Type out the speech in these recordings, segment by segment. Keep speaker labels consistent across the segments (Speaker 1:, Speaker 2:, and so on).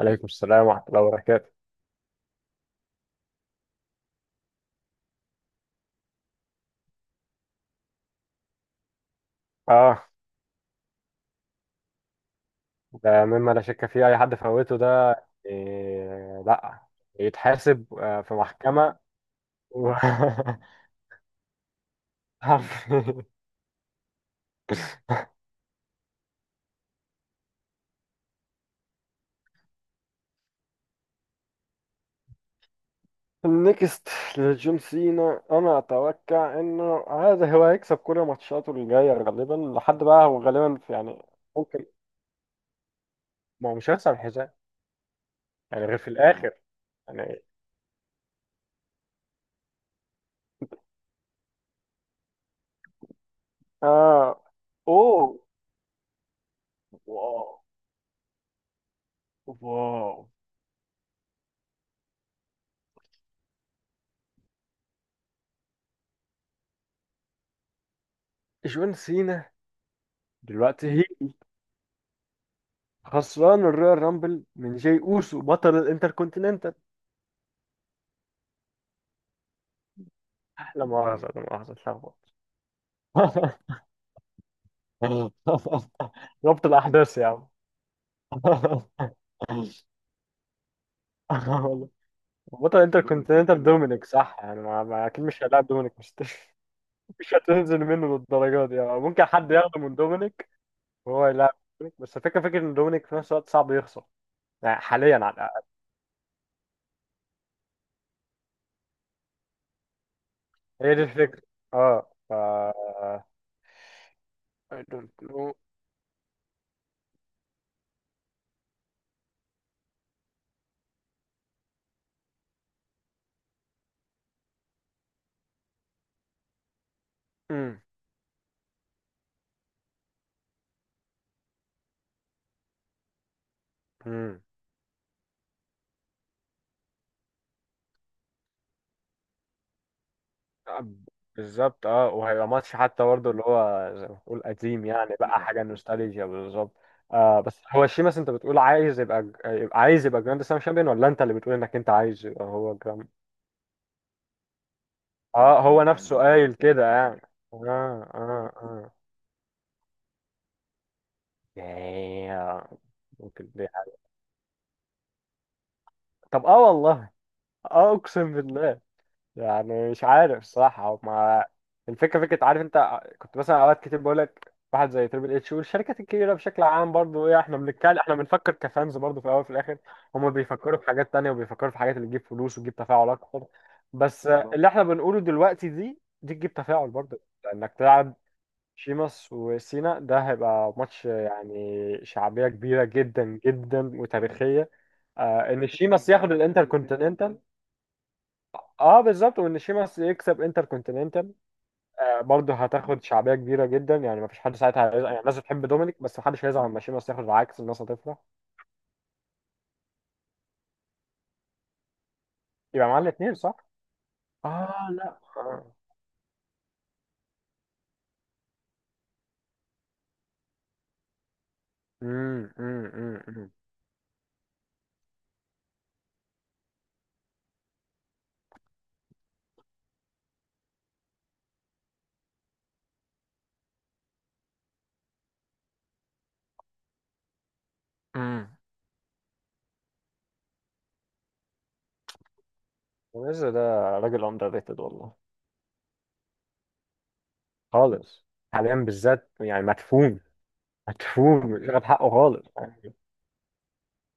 Speaker 1: عليكم السلام ورحمة الله وبركاته. اه، ده مما لا شك فيه، اي حد فوته ده إيه؟ لا يتحاسب في محكمة و... النكست لجون سينا، انا اتوقع انه هذا هو هيكسب كل ماتشاته الجاية غالبا لحد بقى هو غالبا في يعني ممكن. ما هو مش هيخسر الحزام يعني غير في الاخر يعني. اه اوه واو واو. جون سينا دلوقتي خسران الرويال رامبل من جاي اوسو بطل الانتركونتيننتال. احلى مؤاخذه، لا مؤاخذه اتلخبط. ربط الاحداث يا عم. والله. بطل انتركونتيننتال دومينيك صح، يعني اكيد مش هيلاعب دومينيك، مش مش هتنزل منه للدرجه دي، يعني ممكن حد ياخده من دومينيك وهو يلعب دومينيك، بس الفكره فكره ان دومينيك في نفس الوقت صعب يخسر، يعني حاليا على الاقل. هي دي الفكره. اه ف I don't know. مم. مم. آه، بالظبط، اه، وهيبقى ماتش حتى برضه اللي هو زي ما تقول قديم، يعني بقى حاجه نوستالجيا بالظبط. آه بس هو شيماس، انت بتقول عايز يبقى، عايز يبقى جراند سلام شامبيون، ولا انت اللي بتقول انك انت عايز يبقى هو جراند؟ اه هو نفسه قايل كده يعني. اه اه اه. ياه. ممكن دي حاجه. طب اه والله، اه اقسم بالله، يعني مش عارف صراحة ما. الفكرة فكرة، عارف انت كنت مثلا اوقات كتير بقول لك واحد زي تريبل اتش والشركات الكبيرة بشكل عام برضو ايه، احنا بنتكلم بنفكر كفانز برضو في الاول وفي الاخر، هما بيفكروا في حاجات تانية وبيفكروا في حاجات اللي تجيب فلوس وتجيب تفاعل اكتر. بس بالظبط اللي احنا بنقوله دلوقتي دي تجيب تفاعل برضو، لانك تلعب شيماس وسينا، ده هيبقى ماتش يعني شعبية كبيرة جدا جدا وتاريخية. آه ان شيماس ياخد الانتر، اه بالظبط، وان شيماس يكسب انتر كونتيننتال. آه برضه هتاخد شعبيه كبيره جدا، يعني مفيش حد ساعتها هيزعل، يعني الناس بتحب دومينيك بس محدش هيزعل لما شيماس ياخد، العكس الناس هتفرح. يبقى معانا الاثنين صح؟ اه لا آه. امم امم امم امم. ويز ده راجل اندر ريتد والله. خالص. حاليا بالذات يعني مدفون، مدفون مش واخد حقه خالص يعني.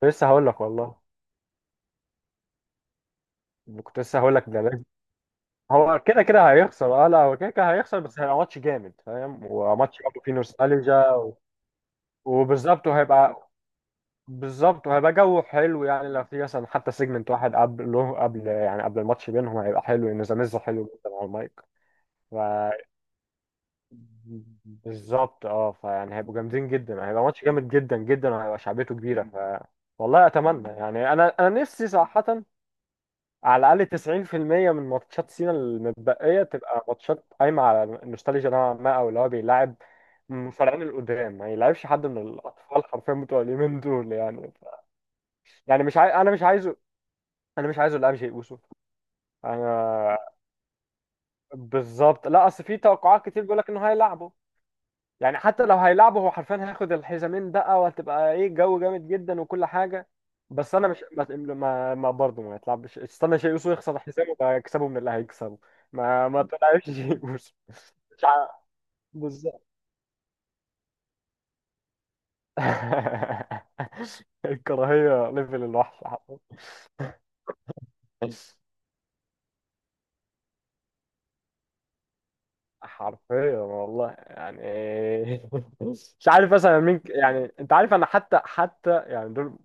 Speaker 1: كنت لسه هقول لك والله، كنت لسه هقول لك ده. هو كده كده هيخسر، اه لا هو كده كده هيخسر، بس هيبقى ماتش جامد فاهم، وماتش برضه فيه نوستالجيا و... وبالظبط وهيبقى بالظبط وهيبقى جو حلو، يعني لو في مثلا حتى سيجمنت واحد قبل يعني قبل الماتش بينهم، هيبقى حلو، ان زاميزو حلو جدا على المايك. فبالظبط اه فيعني هيبقوا جامدين جدا، يعني هيبقى ماتش جامد جدا جدا وهيبقى شعبيته كبيره ف. والله اتمنى يعني، انا نفسي صراحه على الأقل 90% من ماتشات سينا المتبقية تبقى ماتشات قايمة على النوستالجيا نوعا ما، أو اللي هو بيلاعب المصارعين القدام، ما يلعبش حد من الأطفال حرفيا بتوع اليومين دول يعني ف... يعني مش عاي... أنا مش عايزه، أنا مش عايزه يلعب شيء أوسو. أنا بالظبط، لا أصل في توقعات كتير بيقول لك إنه هيلعبه. يعني حتى لو هيلعبوا، هو حرفيا هياخد الحزامين بقى، وهتبقى ايه جو جامد جدا وكل حاجه. بس انا مش ما ما, ما برضه ما يتلعبش، استنى شيء يوسف يخسر حزامه بقى يكسبه من اللي هيكسبه. ما ما تلعبش شيء يوسف. مش عارف. بالظبط. الكراهيه ليفل الوحش. حرفياً. حرفيا والله يعني. مش عارف مثلا مين يعني انت عارف انا حتى يعني دول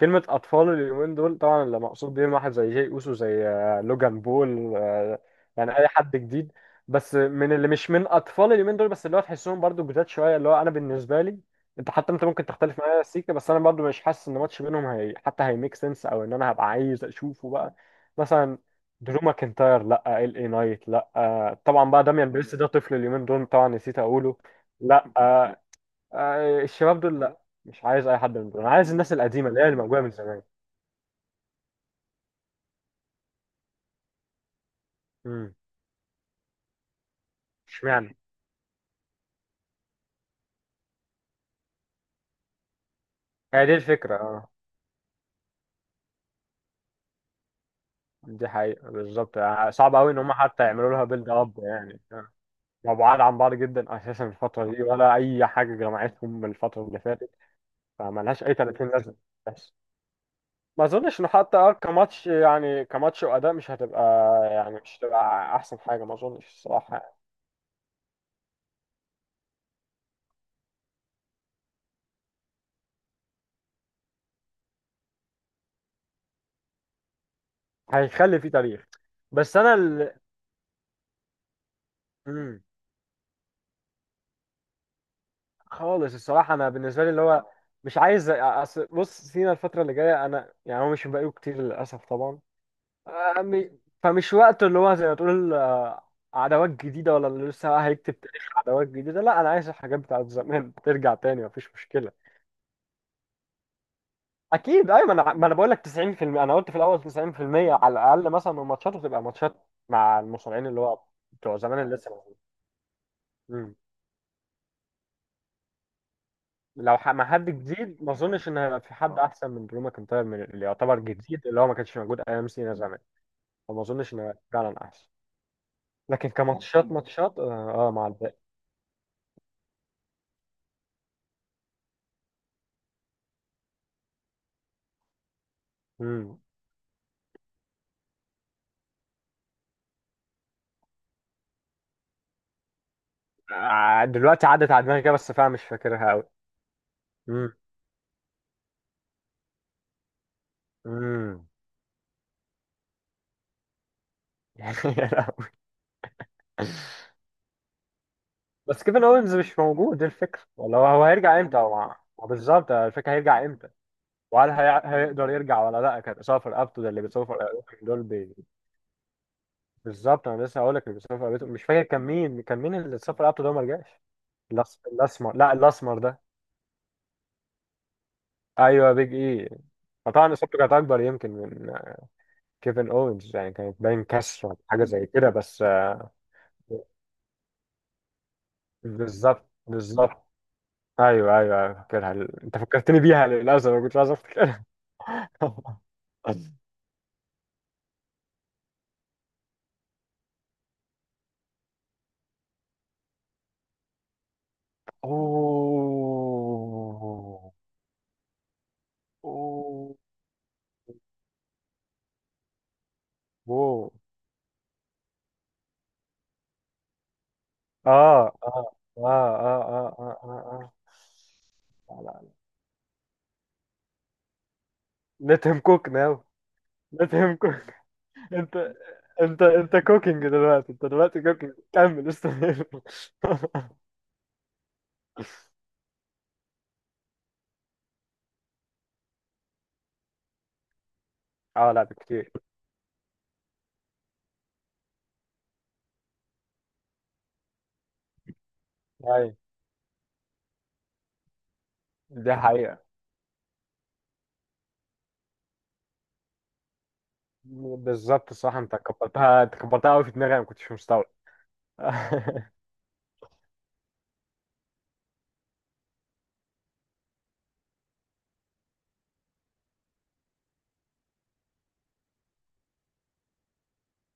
Speaker 1: كلمة أطفال اليومين دول طبعا اللي مقصود بيهم واحد زي جاي أوسو، زي لوجان بول يعني أي حد جديد، بس من اللي مش من أطفال اليومين دول، بس اللي هو تحسهم برضو جداد شوية، اللي هو أنا بالنسبة لي، أنت حتى أنت ممكن تختلف معايا يا سيكا، بس أنا برضو مش حاسس إن ماتش بينهم هي حتى هيميك سنس، أو إن أنا هبقى عايز أشوفه بقى مثلا. درو ماكنتاير لا، ال اي نايت لا طبعا، بقى داميان بيرست ده طفل اليومين دول طبعا، نسيت اقوله. لا آه، آه، الشباب دول لا. مش عايز اي حد من دول، انا عايز الناس القديمه اللي هي الموجوده من زمان. امم. اشمعنى؟ هي دي الفكره اه. دي حقيقه بالظبط، آه، صعب قوي ان هم حتى يعملوا لها بيلد اب يعني آه. مبعاد عن بعض جدا اساسا الفتره دي، ولا اي حاجه جمعتهم من الفتره اللي فاتت، فملهاش اي 30 لازمه. بس ما اظنش انه حتى اه كماتش، يعني كماتش واداء مش هتبقى، يعني مش هتبقى احسن حاجه ما اظنش الصراحه يعني. هيخلي فيه تاريخ، بس انا ال... مم. خالص الصراحه انا بالنسبه لي اللي هو مش عايز أصل بص سينا الفتره اللي جايه انا يعني، هو مش بقاله كتير للاسف طبعا، آه، فمش وقته اللي هو زي ما تقول آه، عداوات جديده ولا اللي لسه هيكتب تاريخ عداوات جديده، لا انا عايز الحاجات بتاعت زمان ترجع تاني مفيش مشكله. اكيد ايوه، ما انا بقول لك 90%، انا قلت في الاول 90% على الاقل مثلا من ماتشاته تبقى ماتشات مع المصارعين اللي هو بتوع زمان اللي لسه موجودين. مم. مع حد جديد، ما اظنش ان هيبقى في حد احسن من درو ماكنتاير، من اللي يعتبر جديد اللي هو ما كانش موجود ايام سينا زمان، فما اظنش ان هيبقى فعلا احسن. لكن كماتشات، ماتشات آه مع الباقي. مم. آه دلوقتي عدت على دماغي كده بس فعلا مش فاكرها قوي. امم. بس كيفن اوينز مش موجود، دي الفكره، ولا هو، هو هيرجع امتى؟ هو هو بالظبط الفكره، هيرجع امتى؟ وهل هي... هيقدر يرجع ولا لا؟ كان اصابه في رقبته، ده اللي بيصاب رقبته دول بي... بالظبط، انا لسه هقول لك اللي بيصاب رقبته مش فاكر كان مين، كان مين اللي اتصاب في رقبته ده وما رجعش؟ الاسمر، لا الاسمر ده، ايوه بيج اي. فطبعا اصابته كانت اكبر يمكن من كيفن اوينز يعني، كانت باين كسر ولا حاجه زي كده بس. بالظبط بالظبط، ايوه ايوه أيوة، فاكرها. انت فكرتني بيها للاسف، ما كنتش عايز افتكرها. اوه اوه اوه. اه اه اه اه اه اه اه اه. لا لا، لا، let him cook now. let him cook. انت انت انت كوكينج دلوقتي، انت دلوقتي كوكينج، كمل استمر. اه لا بكتير. اي دي حقيقة. بالظبط صح، انت كبرتها قوي في دماغي، انا ما كنتش مستوعب.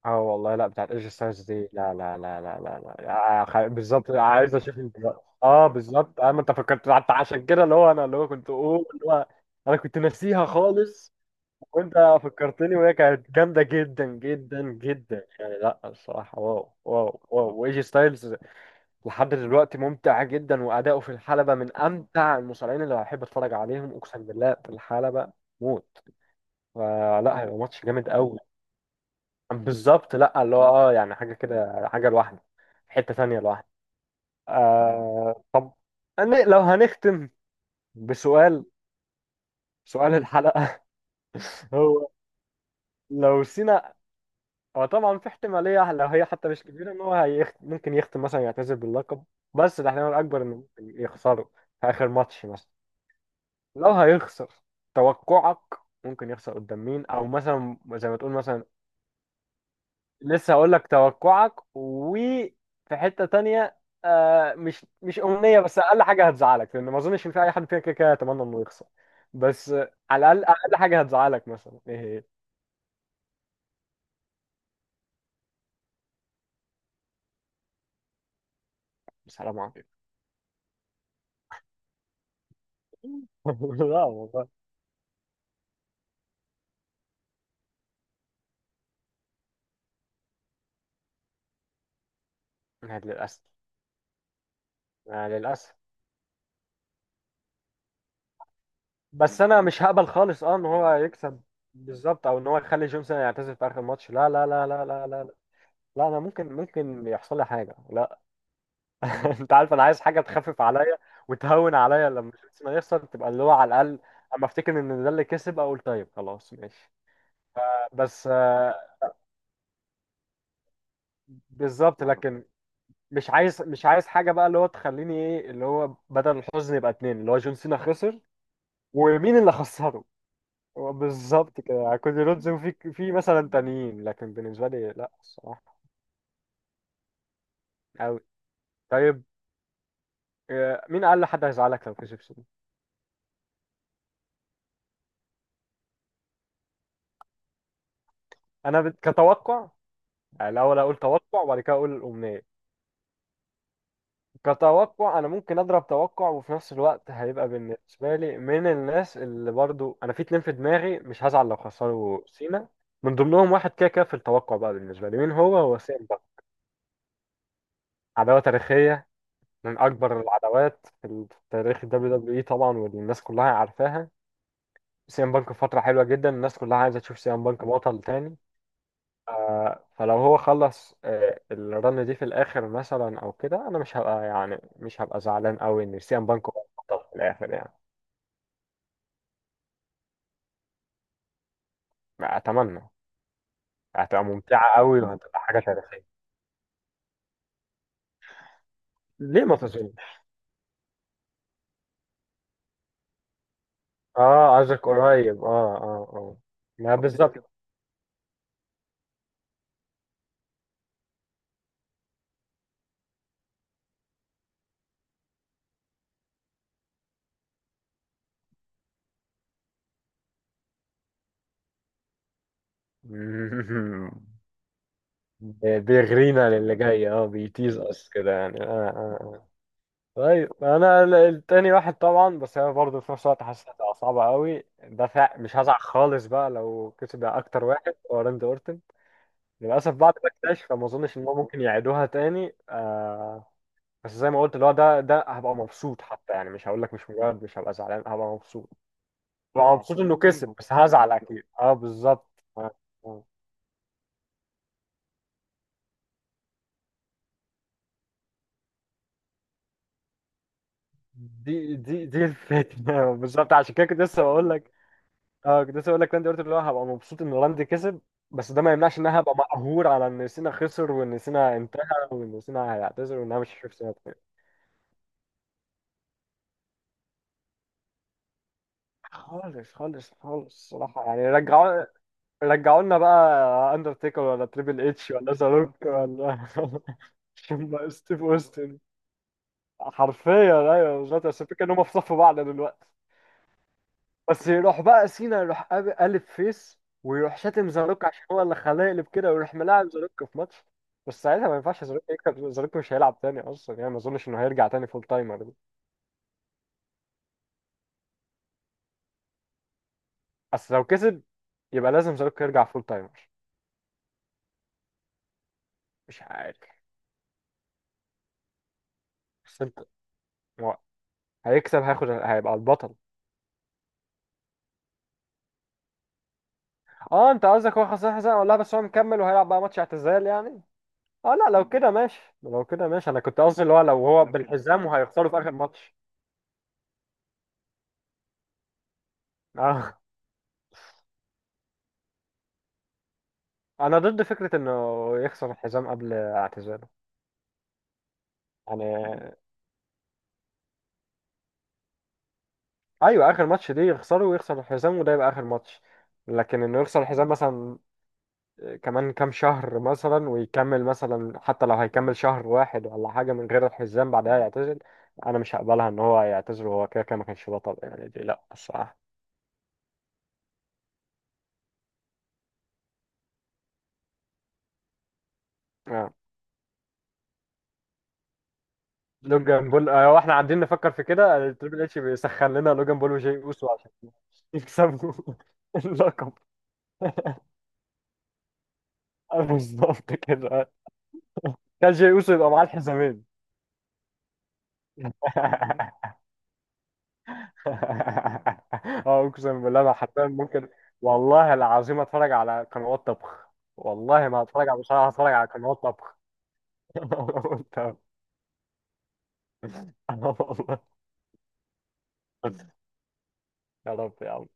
Speaker 1: اه والله، لا بتاعت ايج ستايلز دي لا لا لا لا لا لا، آه، بالظبط عايز اشوف دلوقتي، اه بالظبط، انا انت فكرت حتى عشان كده، اللي هو كنت اقول اللي هو انا كنت ناسيها خالص، وانت فكرتني، وهي كانت جامده جدا جدا جدا يعني لا الصراحه، واو واو واو. وايج ستايلز لحد دلوقتي ممتع جدا، واداؤه في الحلبه من امتع المصارعين اللي بحب اتفرج عليهم اقسم بالله، في الحلبه موت. فلا هيبقى ماتش جامد قوي. بالظبط لا اللي هو يعني حاجة كده، حاجة لوحده، حتة ثانية لوحده. آه طب، أنا لو هنختم بسؤال، سؤال الحلقة. هو لو سينا، هو طبعا في احتمالية لو هي حتى مش كبيرة، ان هو ممكن يختم مثلا، يعتزل باللقب، بس الاحتمال الأكبر انه ممكن يخسره في آخر ماتش مثلا. لو هيخسر، توقعك، ممكن يخسر قدام مين، او مثلا زي ما تقول مثلا. لسه هقول لك توقعك، وفي حتة تانية آه، مش مش أمنية، بس أقل حاجة هتزعلك، لأن ما أظنش إن في أي حد فينا كده كده يتمنى إنه يخسر، بس آه، على الأقل أقل حاجة هتزعلك مثلا إيه هي. السلام عليكم. لا والله. آه، للأسف، آه للأسف. بس أنا مش هقبل خالص أه إن هو يكسب، بالظبط، أو إن هو يخلي جونسون يعتزل في آخر ماتش، لا لا لا لا لا لا، لا أنا ممكن ممكن يحصل لي حاجة لا. انت عارف انا عايز حاجه تخفف عليا وتهون عليا لما شيرتسون يخسر، تبقى اللي هو على الاقل اما افتكر ان ده اللي كسب اقول طيب خلاص ماشي. بس آه، بالظبط لكن، مش عايز حاجه بقى اللي هو تخليني ايه، اللي هو بدل الحزن يبقى اتنين، اللي هو جون سينا خسر ومين اللي خسره. هو بالظبط كده يعني، كودي رودز وفي في مثلا تانيين، لكن بالنسبه لي لا الصراحه قوي. طيب آه، مين اقل حد هيزعلك لو كسب سينا؟ انا كتوقع، يعني الاول اقول توقع وبعد كده اقول الامنيه. كتوقع انا ممكن اضرب توقع، وفي نفس الوقت هيبقى بالنسبه لي من الناس اللي برضو انا في اتنين في دماغي مش هزعل لو خسروا سينا، من ضمنهم واحد كده كده في التوقع بقى بالنسبه لي، مين هو؟ هو سيمبا. عداوه تاريخيه، من اكبر العداوات في في تاريخ الدبليو دبليو اي طبعا، والناس كلها عارفاها. سي ام بانك في فتره حلوه جدا، الناس كلها عايزه تشوف سي ام بانك بطل تاني. فلو هو خلص آه، الرن دي في الاخر مثلا او كده، انا مش هبقى يعني مش هبقى زعلان قوي ان سي ام بانك هو البطل في الاخر يعني. اتمنى. هتبقى ممتعه قوي وهتبقى حاجه تاريخيه. ليه ما تظن؟ اه قصدك قريب، اه اه اه. ما بالظبط. بيغرينا للي جاي، اه بيتيز اس كده يعني، اه اه آه. طيب انا التاني واحد طبعا، بس انا برضه في نفس الوقت حاسس هتبقى صعبه قوي، ده مش هزعل خالص بقى لو كسب، اكتر واحد هو راندي اورتن. للاسف بعد ما اكتشف فما اظنش ان هو ممكن يعيدوها تاني آه. بس زي ما قلت اللي هو ده، ده هبقى مبسوط حتى يعني، مش هقول لك مش مجرد مش هبقى زعلان، هبقى مبسوط. هبقى مبسوط، مبسوط انه اكيد كسب، بس مبسوط، هزعل مبسوط اكيد اه بالظبط. آه، آه. دي الفكره بالظبط عشان كده كنت لسه بقول لك، اه كنت لسه بقول لك انت قلت اللي هو هبقى مبسوط ان راندي كسب، بس ده ما يمنعش ان انا هبقى مقهور على ان سينا خسر، وان سينا انتهى، وان سينا هيعتذر، وان انا مش هشوف سينا تاني. خالص خالص خالص الصراحه يعني. رجعوا، رجعوا لنا بقى اندرتيكر ولا تريبل اتش ولا زاروك ولا هم ستيف اوستن. حرفيا ايوه بالظبط، بس الفكره ان هم في صف بعض دلوقتي. بس يروح بقى سينا يروح قالب فيس ويروح شاتم زاروك عشان هو اللي خلاه يقلب كده، ويروح ملاعب زاروك في ماتش. بس ساعتها ما ينفعش زاروك يكسب، زاروك مش هيلعب تاني اصلا يعني، ما اظنش انه هيرجع تاني فول تايمر ده. بس لو كسب يبقى لازم زاروك يرجع فول تايمر. مش عارف. بس انت، هو هيكسب، هياخد، هيبقى البطل. اه انت قصدك هو خسران حزام، ولا بس هو مكمل وهيلعب بقى ماتش اعتزال يعني؟ اه لا لو كده ماشي، لو كده ماشي، انا كنت قصدي اللي هو لو هو بالحزام وهيخسروا في اخر ماتش. اه انا ضد فكرة انه يخسر الحزام قبل اعتزاله يعني. ايوه اخر ماتش دي يخسره، ويخسر الحزام، وده يبقى اخر ماتش. لكن انه يخسر الحزام مثلا كمان كام شهر مثلا ويكمل مثلا، حتى لو هيكمل شهر واحد ولا حاجة من غير الحزام بعدها يعتزل، انا مش هقبلها ان هو يعتزل وهو كده كده ما كانش بطل، يعني دي لا الصراحة. آه. لوجان بول آه، واحنا قاعدين نفكر في كده آه، تريبل اتش بيسخن لنا لوجان بول وجاي اوسو عشان يكسبوا اللقب، آه، بالظبط كده، كان جاي اوسو يبقى معاه الحزامين. اه اقسم بالله انا حرفيا ممكن، والله العظيم اتفرج على قنوات طبخ، والله ما هتفرج على مصارعه، هتفرج على قنوات طبخ. أنا والله. يا رب يا عم.